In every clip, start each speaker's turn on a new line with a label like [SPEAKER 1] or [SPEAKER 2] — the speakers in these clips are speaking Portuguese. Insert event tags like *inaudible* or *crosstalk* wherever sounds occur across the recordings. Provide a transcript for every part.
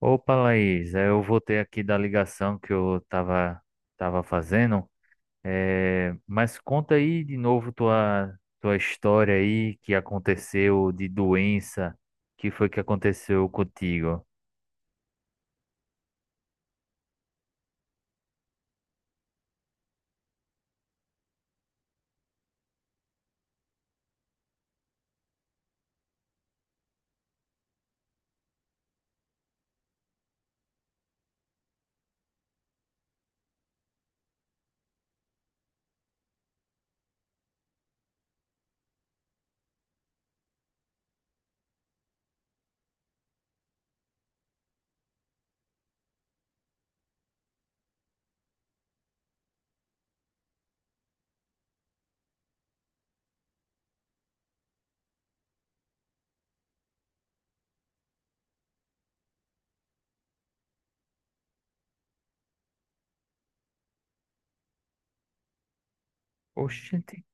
[SPEAKER 1] Opa, Laís, eu voltei aqui da ligação que eu tava fazendo. Mas conta aí de novo tua história aí que aconteceu de doença, que foi que aconteceu contigo? Oxente,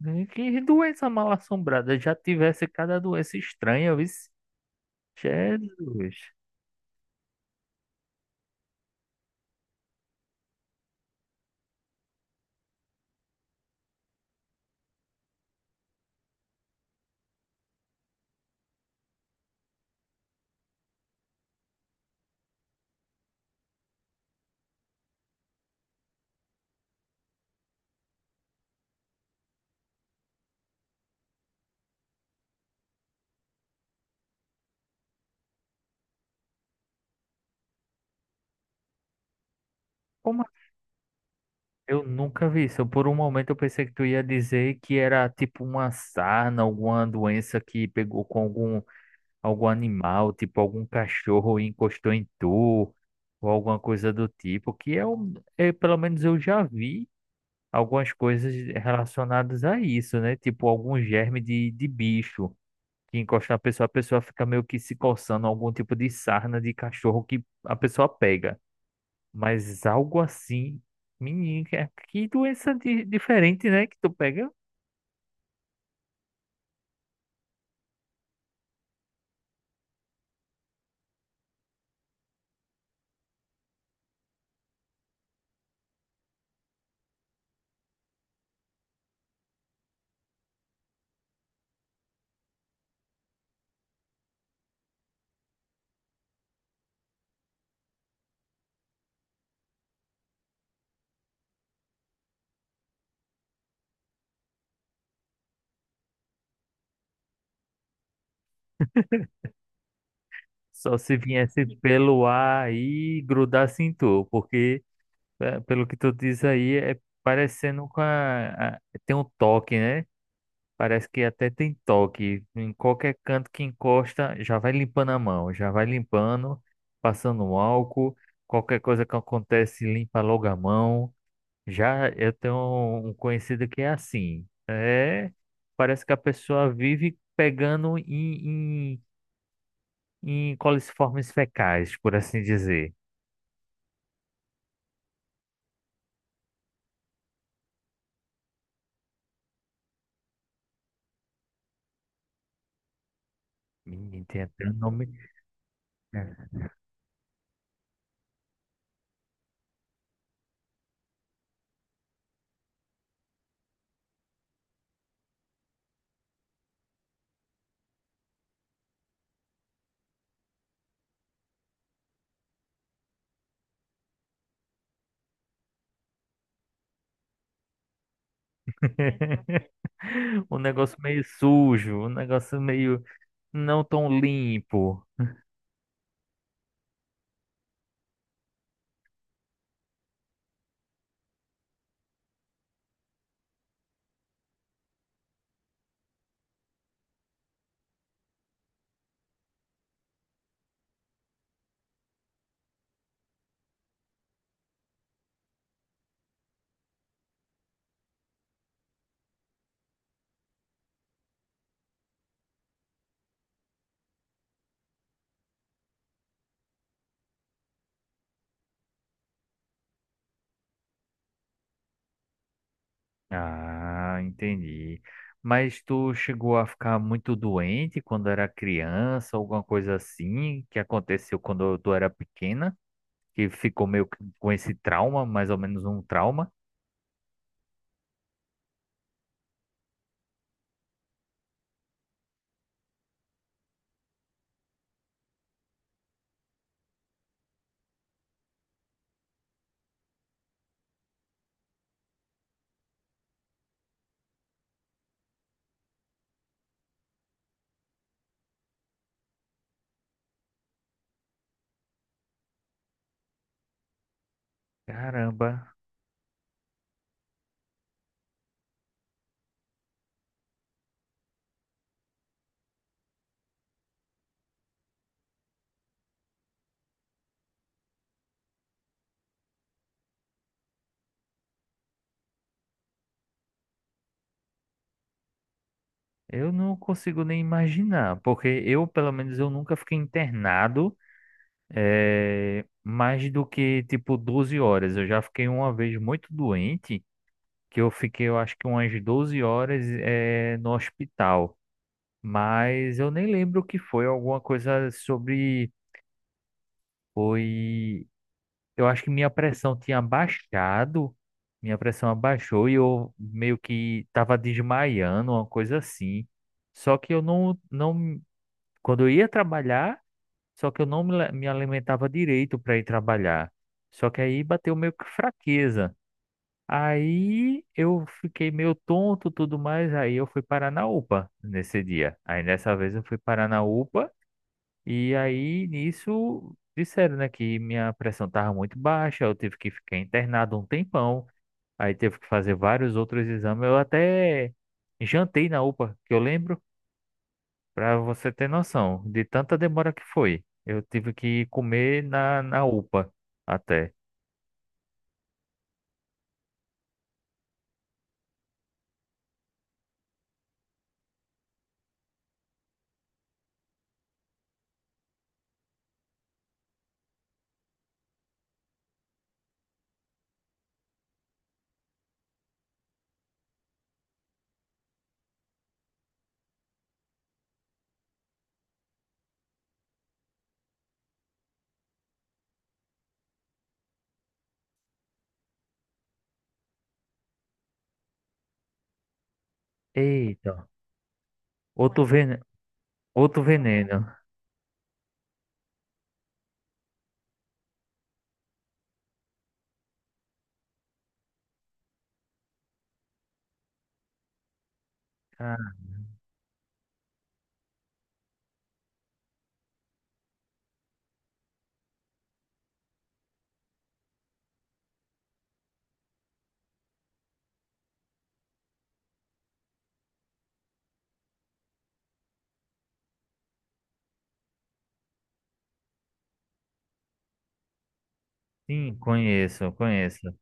[SPEAKER 1] né, que doença mal assombrada, já tivesse cada doença estranha, viu? Jesus, como assim? Eu nunca vi isso. Por um momento eu pensei que tu ia dizer que era tipo uma sarna, alguma doença que pegou com algum animal, tipo algum cachorro encostou em tu, ou alguma coisa do tipo, é, pelo menos eu já vi algumas coisas relacionadas a isso, né? Tipo algum germe de bicho que encosta na pessoa, a pessoa fica meio que se coçando, algum tipo de sarna de cachorro que a pessoa pega. Mas algo assim, menino, que doença diferente, né? Que tu pega. Só se viesse pelo ar e grudasse em tu, porque é. Pelo que tu diz aí, é parecendo com tem um toque, né? Parece que até tem toque. Em qualquer canto que encosta, já vai limpando a mão, já vai limpando, passando um álcool. Qualquer coisa que acontece, limpa logo a mão. Já eu tenho um conhecido que é assim. É, parece que a pessoa vive pegando em coliformes fecais, por assim dizer. Menino, tem até um nome. É, *laughs* um negócio meio sujo, um negócio meio não tão limpo. Ah, entendi. Mas tu chegou a ficar muito doente quando era criança, alguma coisa assim que aconteceu quando tu era pequena, que ficou meio que com esse trauma, mais ou menos um trauma? Caramba, eu não consigo nem imaginar, porque eu, pelo menos, eu nunca fiquei internado mais do que tipo 12 horas. Eu já fiquei uma vez muito doente, que eu fiquei, eu acho que umas 12 horas no hospital. Mas eu nem lembro o que foi, alguma coisa sobre. Foi. Eu acho que minha pressão tinha baixado, minha pressão abaixou e eu meio que estava desmaiando, uma coisa assim. Só que eu não, não, quando eu ia trabalhar, só que eu não me alimentava direito para ir trabalhar. Só que aí bateu meio que fraqueza. Aí eu fiquei meio tonto, tudo mais. Aí eu fui parar na UPA nesse dia. Aí dessa vez eu fui parar na UPA. E aí nisso disseram, né, que minha pressão estava muito baixa. Eu tive que ficar internado um tempão. Aí teve que fazer vários outros exames. Eu até jantei na UPA, que eu lembro. Para você ter noção de tanta demora que foi. Eu tive que comer na UPA até. Eita, outro veneno, outro veneno. Ah, sim, conheço, conheço.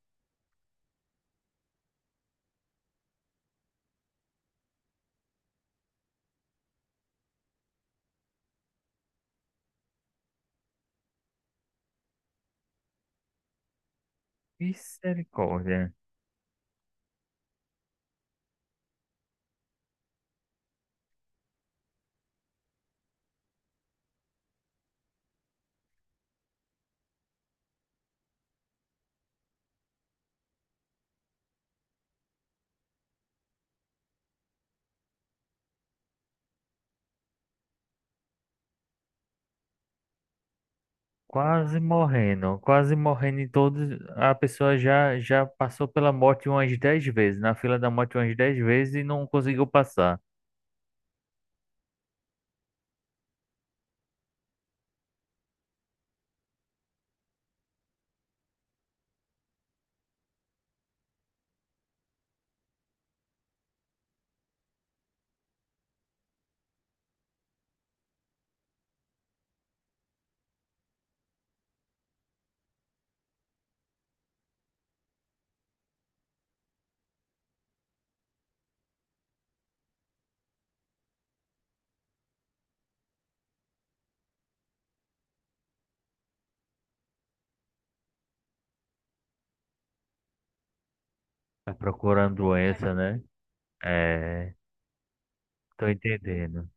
[SPEAKER 1] Misericórdia. Quase morrendo em todos. A pessoa já passou pela morte umas 10 vezes, na fila da morte umas 10 vezes e não conseguiu passar. Tá procurando doença, né? É, tô entendendo.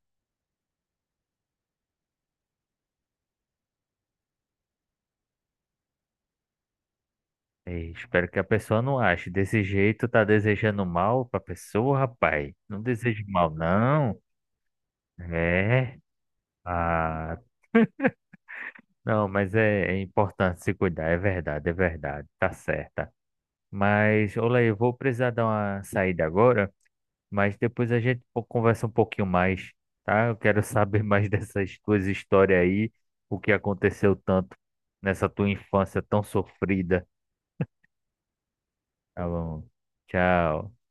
[SPEAKER 1] Ei, espero que a pessoa não ache. Desse jeito, tá desejando mal pra pessoa, rapaz. Não deseje mal, não. É. Ah, não, mas é importante se cuidar, é verdade, é verdade. Tá certa. Mas, olha aí, eu vou precisar dar uma saída agora, mas depois a gente conversa um pouquinho mais, tá? Eu quero saber mais *laughs* dessas tuas histórias aí, o que aconteceu tanto nessa tua infância tão sofrida. Tá bom. Tchau.